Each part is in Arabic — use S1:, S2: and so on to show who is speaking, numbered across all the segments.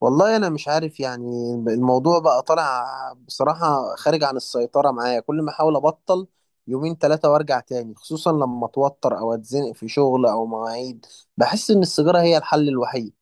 S1: والله انا مش عارف، يعني الموضوع بقى طالع بصراحة خارج عن السيطرة معايا. كل ما احاول ابطل يومين 3 وارجع تاني، خصوصا لما اتوتر او اتزنق في شغل او مواعيد. بحس ان السيجارة هي الحل الوحيد.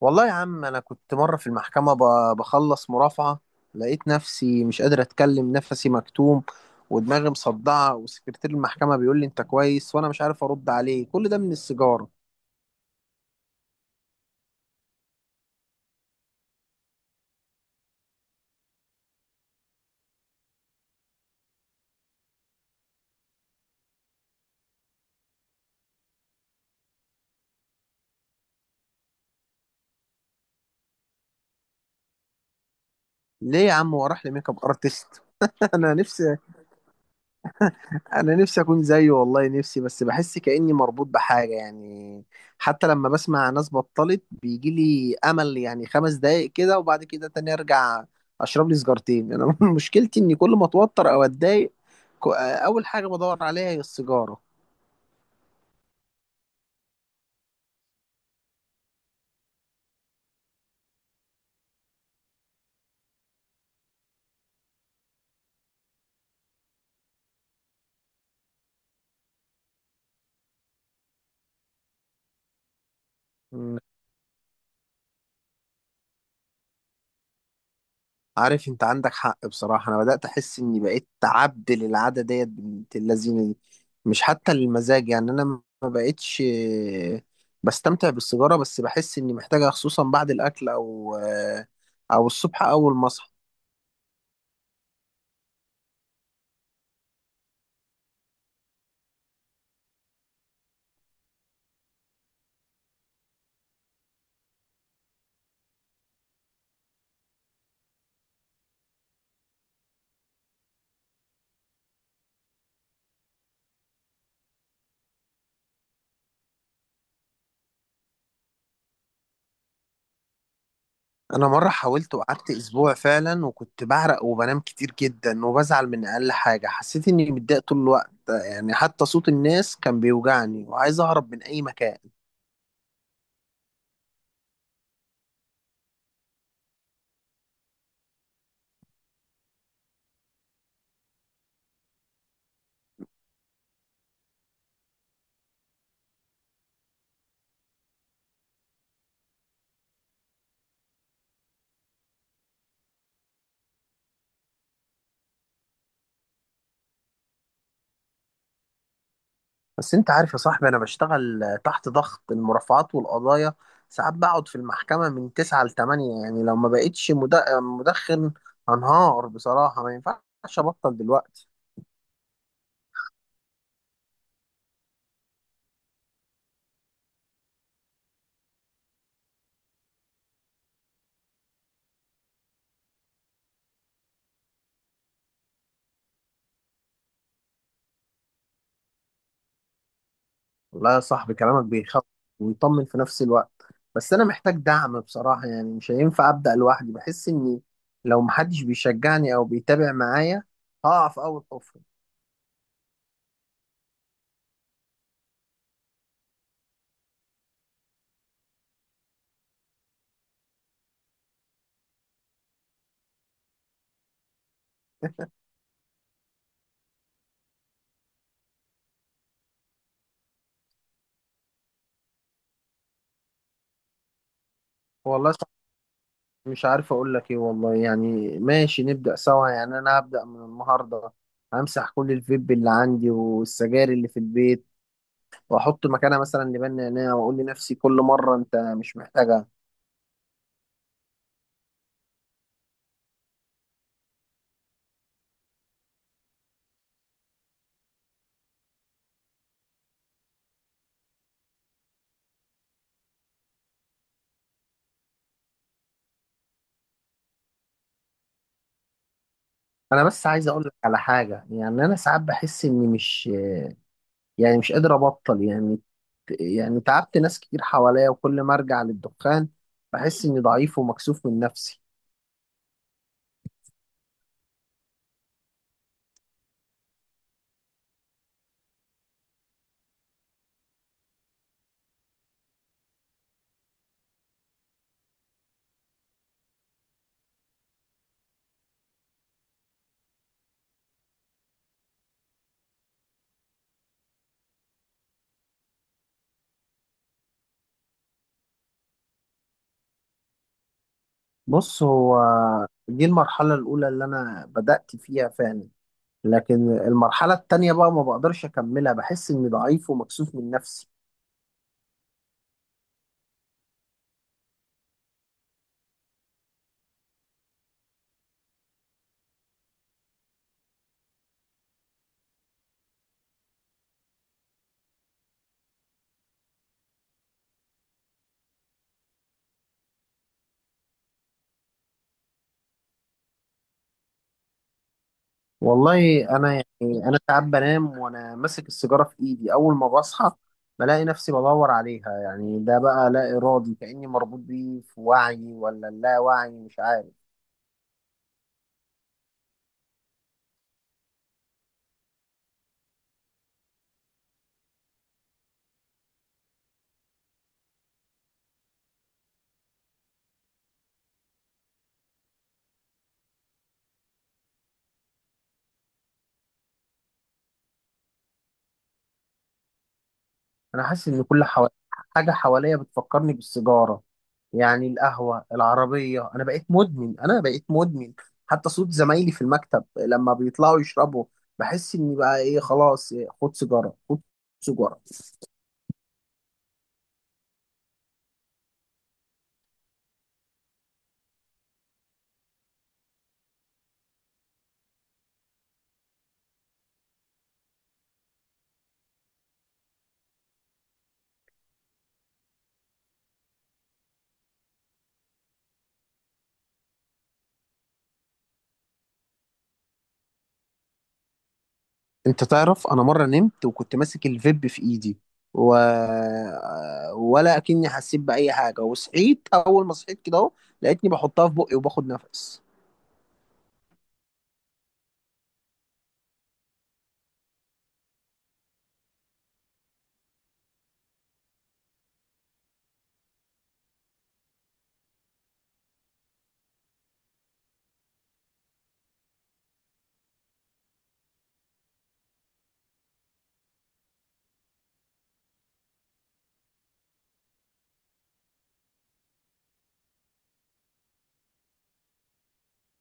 S1: والله يا عم، انا كنت مرة في المحكمة بخلص مرافعة، لقيت نفسي مش قادر اتكلم، نفسي مكتوم ودماغي مصدعة، وسكرتير المحكمة بيقول لي انت كويس وانا مش عارف ارد عليه. كل ده من السيجارة. ليه يا عم؟ وراح لي ميك اب ارتست. انا نفسي. انا نفسي اكون زيه، والله نفسي. بس بحس كاني مربوط بحاجه يعني. حتى لما بسمع ناس بطلت بيجي لي امل، يعني 5 دقايق كده، وبعد كده تاني ارجع اشرب لي سيجارتين انا. مشكلتي اني كل ما اتوتر او اتضايق اول حاجه بدور عليها هي السيجاره. عارف انت عندك حق، بصراحة انا بدأت احس اني بقيت عبد للعادة ديت، بنت اللذينة دي. مش حتى المزاج، يعني انا ما بقيتش بستمتع بالسيجارة، بس بحس اني محتاجها، خصوصا بعد الاكل او او الصبح اول ما اصحى. انا مرة حاولت وقعدت اسبوع فعلا، وكنت بعرق وبنام كتير جدا، وبزعل من اقل حاجة، حسيت اني متضايق طول الوقت، يعني حتى صوت الناس كان بيوجعني وعايز اهرب من اي مكان. بس انت عارف يا صاحبي، انا بشتغل تحت ضغط المرافعات والقضايا. ساعات بقعد في المحكمة من تسعة لتمانية، يعني لو ما بقتش مدخن هنهار بصراحة. ما ينفعش ابطل دلوقتي. والله يا صاحبي، كلامك بيخوف ويطمن في نفس الوقت. بس انا محتاج دعم بصراحة، يعني مش هينفع ابدأ لوحدي. بحس اني لو محدش بيشجعني او بيتابع معايا هقع في اول حفرة. والله مش عارف اقول لك ايه والله. يعني ماشي، نبدأ سوا. يعني انا هبدأ من النهارده، همسح كل الفيب اللي عندي والسجاير اللي في البيت، واحط مكانها مثلا لبان نعناع، واقول لنفسي كل مرة انت مش محتاجها. انا بس عايز اقول لك على حاجة. يعني انا ساعات بحس اني مش قادر ابطل يعني. يعني تعبت ناس كتير حواليا، وكل ما ارجع للدخان بحس اني ضعيف ومكسوف من نفسي. بص هو، دي المرحلة الأولى اللي أنا بدأت فيها فعلا، لكن المرحلة التانية بقى ما بقدرش أكملها. بحس إني ضعيف ومكسوف من نفسي. والله أنا يعني، أنا ساعات بنام وأنا ماسك السيجارة في إيدي. أول ما بصحى بلاقي نفسي بدور عليها، يعني ده بقى لا إرادي، كأني مربوط بيه، في وعي ولا لا وعي مش عارف. أنا حاسس إن كل حوالي، حاجة حواليا بتفكرني بالسيجارة. يعني القهوة العربية، أنا بقيت مدمن، أنا بقيت مدمن. حتى صوت زمايلي في المكتب لما بيطلعوا يشربوا بحس إني بقى إيه، خلاص إيه، خد سيجارة، خد سيجارة. أنت تعرف، أنا مرة نمت وكنت ماسك الفيب في إيدي و... ولا أكني حسيت بأي حاجة. وصحيت، أول ما صحيت كده أهو لقيتني بحطها في بقي وباخد نفس.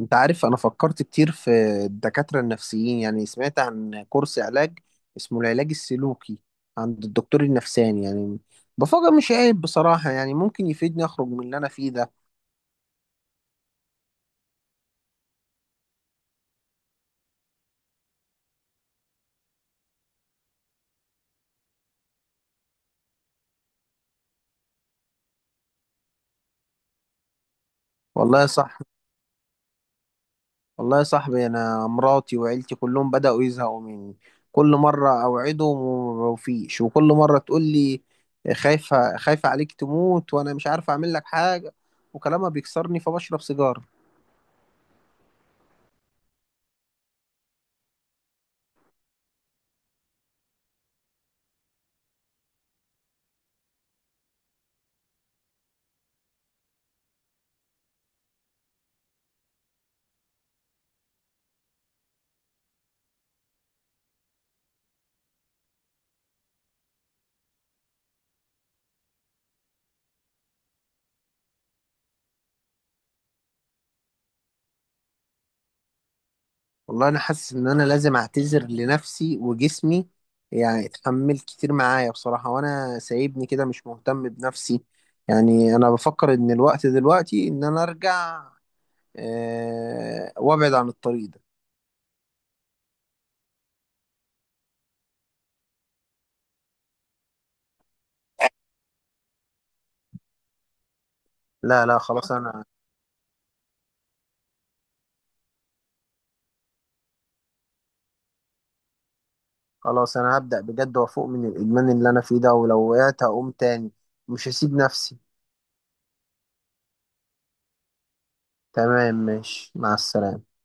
S1: انت عارف انا فكرت كتير في الدكاترة النفسيين. يعني سمعت عن كورس علاج اسمه العلاج السلوكي عند الدكتور النفساني. يعني بفكر مش عيب بصراحة، يعني ممكن يفيدني اخرج من اللي انا فيه ده. والله يا صاحبي والله يا صاحبي، انا مراتي وعيلتي كلهم بدأوا يزهقوا مني. كل مرة اوعدهم ومفيش، وكل مرة تقول لي خايفة، خايفة عليك تموت وانا مش عارف اعمل لك حاجة، وكلامها بيكسرني فبشرب سيجارة. والله انا حاسس ان انا لازم اعتذر لنفسي وجسمي، يعني اتحمل كتير معايا بصراحة وانا سايبني كده مش مهتم بنفسي. يعني انا بفكر ان الوقت دلوقتي ان انا ارجع، أه وابعد عن الطريق ده. لا، لا، خلاص انا هبدأ بجد وافوق من الادمان اللي انا فيه ده، ولو وقعت هقوم تاني، مش هسيب نفسي. تمام، ماشي، مع السلامة.